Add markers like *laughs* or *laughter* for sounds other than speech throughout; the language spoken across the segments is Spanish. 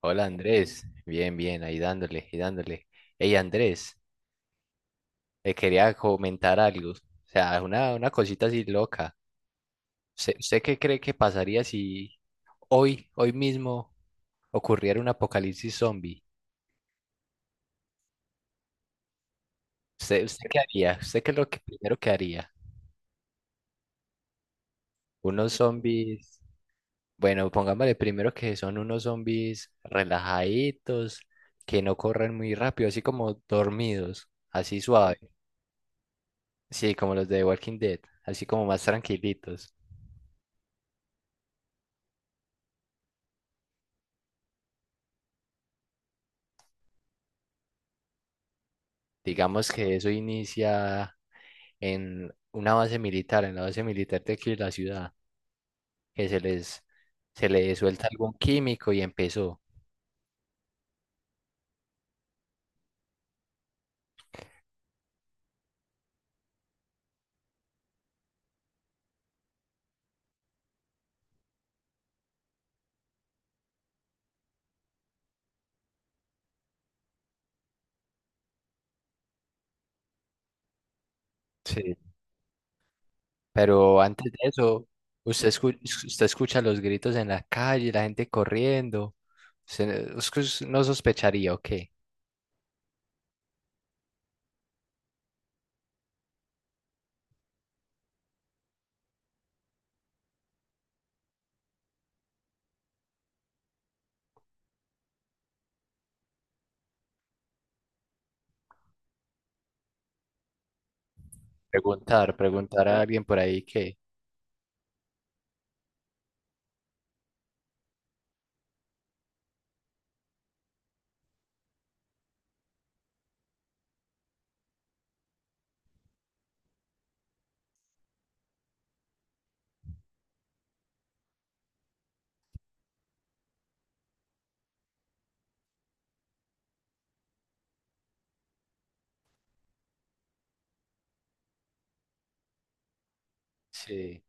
Hola Andrés, bien, bien, ahí dándole y dándole. Hey Andrés, quería comentar algo, o sea, una cosita así loca. Usted qué cree que pasaría si hoy mismo, ocurriera un apocalipsis zombie? Usted qué haría? ¿Usted qué es lo que primero que haría? Unos zombies, bueno, pongámosle primero que son unos zombies relajaditos, que no corren muy rápido, así como dormidos, así suave, sí, como los de Walking Dead, así como más tranquilitos. Digamos que eso inicia en una base militar, en la base militar de aquí de la ciudad, que se les, se les suelta algún químico y empezó. Sí. Pero antes de eso, usted, escu- usted escucha los gritos en la calle, la gente corriendo. Usted no sospecharía o qué? Preguntar a alguien por ahí que, sí.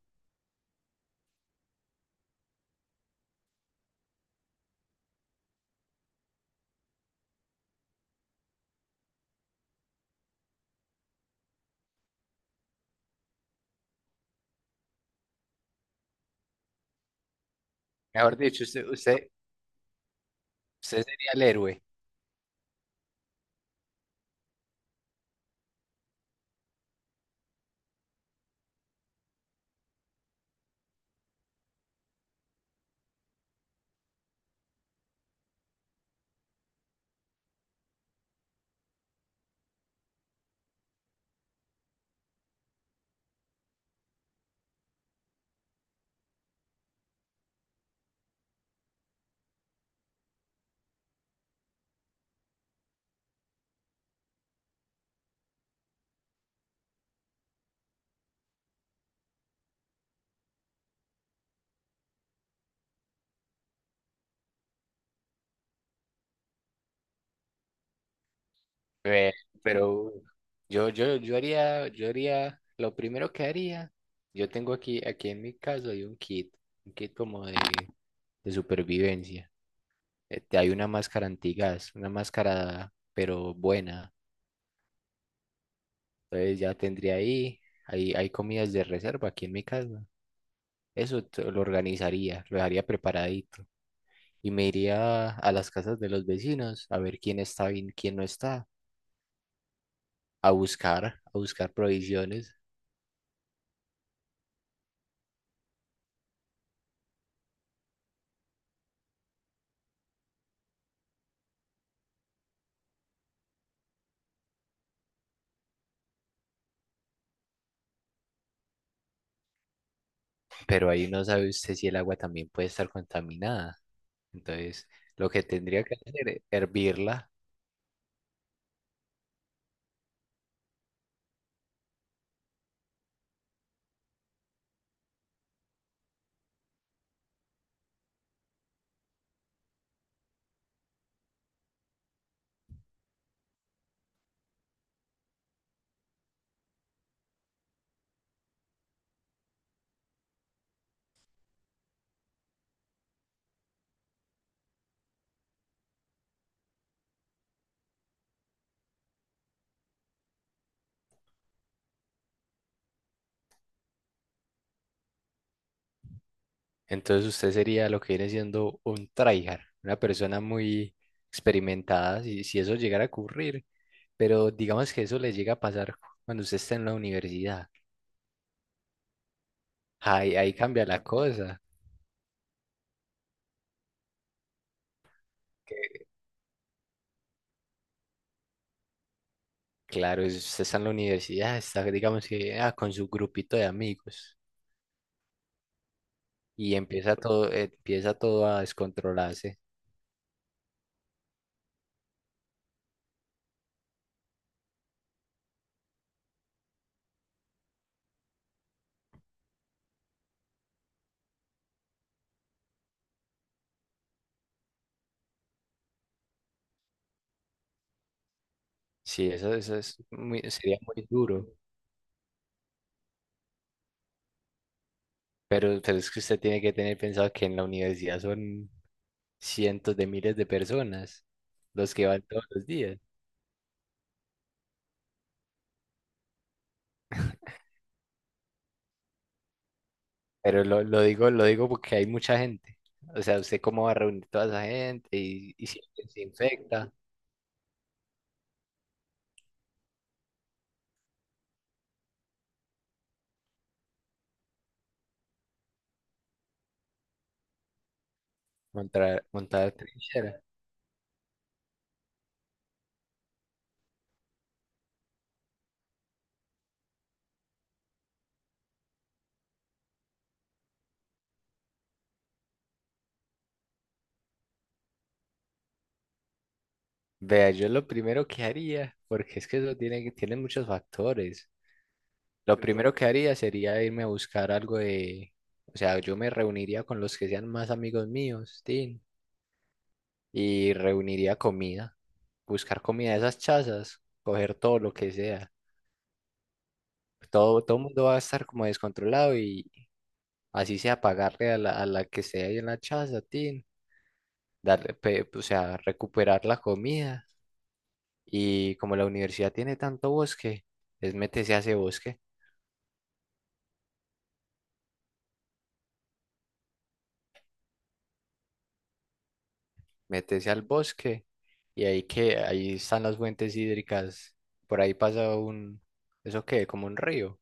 Mejor dicho, usted sería el héroe. Eh, pero yo haría, lo primero que haría, yo tengo aquí en mi casa hay un kit como de supervivencia. Te hay una máscara antigas, una máscara, pero buena. Entonces ya tendría ahí, hay comidas de reserva aquí en mi casa. Eso lo organizaría, lo dejaría preparadito. Y me iría a las casas de los vecinos a ver quién está bien, quién no está, a buscar provisiones. Pero ahí no sabe usted si el agua también puede estar contaminada. Entonces, lo que tendría que hacer es hervirla. Entonces, usted sería lo que viene siendo un tryhard, una persona muy experimentada, si eso llegara a ocurrir. Pero digamos que eso le llega a pasar cuando usted está en la universidad. Ahí cambia la cosa. que, Claro, usted está en la universidad, está, digamos que ah, con su grupito de amigos y empieza todo a descontrolarse. Sí, eso es muy, sería muy duro. Pero es que usted tiene que tener pensado que en la universidad son cientos de miles de personas los que van todos los días. Pero lo digo porque hay mucha gente. O sea, ¿usted cómo va a reunir toda esa gente y si alguien se infecta, montar trinchera? Vea, yo lo primero que haría, porque es que eso tiene, tiene muchos factores. Lo primero que haría sería irme a buscar algo de, o sea, yo me reuniría con los que sean más amigos míos, ¿sí? Y reuniría comida, buscar comida de esas chazas, coger todo lo que sea. Todo el mundo va a estar como descontrolado y así sea pagarle a a la que sea ahí en la chaza, tin, darle, o sea, recuperar la comida. Y como la universidad tiene tanto bosque, es métese a ese bosque, métese al bosque y ahí que ahí están las fuentes hídricas, por ahí pasa un, ¿eso qué? Como un río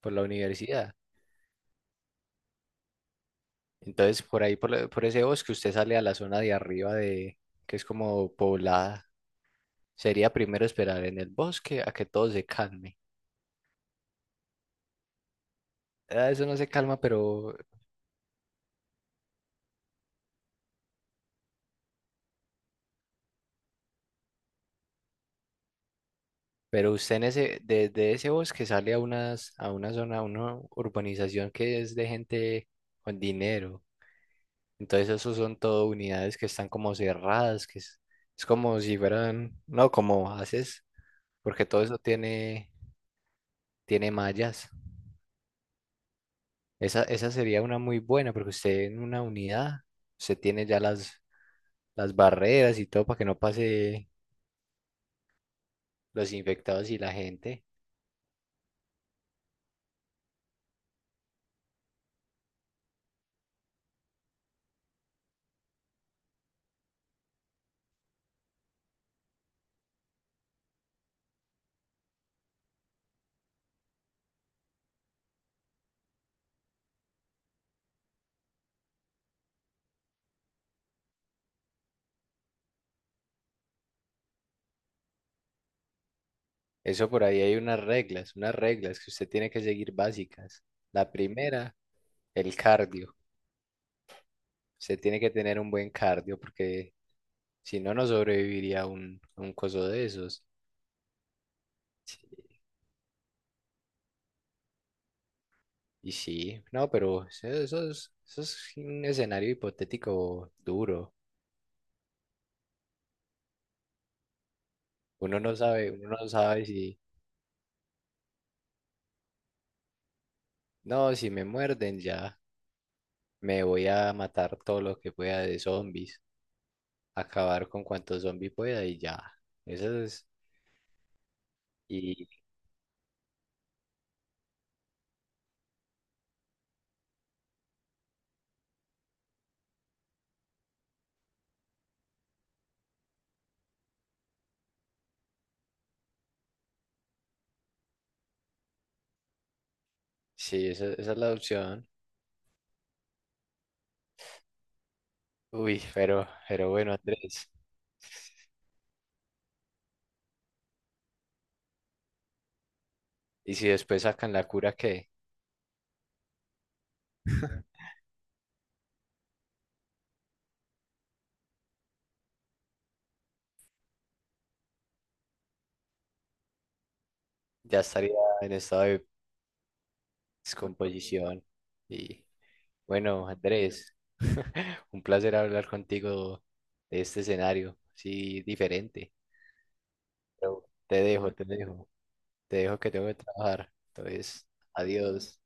por la universidad. Entonces, por ahí, por, la- por ese bosque, usted sale a la zona de arriba de, que es como poblada. Sería primero esperar en el bosque a que todo se calme. Ah, eso no se calma, pero usted en ese, desde ese bosque sale a unas, a una zona, a una urbanización que es de gente con dinero. Entonces, esos son todo unidades que están como cerradas, que es como si fueran, no, como haces, porque todo eso tiene mallas. Esa sería una muy buena, porque usted en una unidad, usted tiene ya las barreras y todo para que no pase los infectados y la gente. Eso por ahí hay unas reglas, que usted tiene que seguir básicas. La primera, el cardio. Usted tiene que tener un buen cardio, porque si no, no sobreviviría un coso de esos. Sí, y sí, no, pero eso es un escenario hipotético duro. Uno no sabe, no, si me muerden ya. Me voy a matar todo lo que pueda de zombies, acabar con cuantos zombies pueda y ya. Esa es, y sí, esa es la opción. Uy, pero bueno, Andrés. Y si después sacan la cura que ya estaría en estado de descomposición. Y bueno, Andrés, *laughs* un placer hablar contigo de este escenario, sí, diferente. Pero te dejo que tengo que trabajar. Entonces, adiós.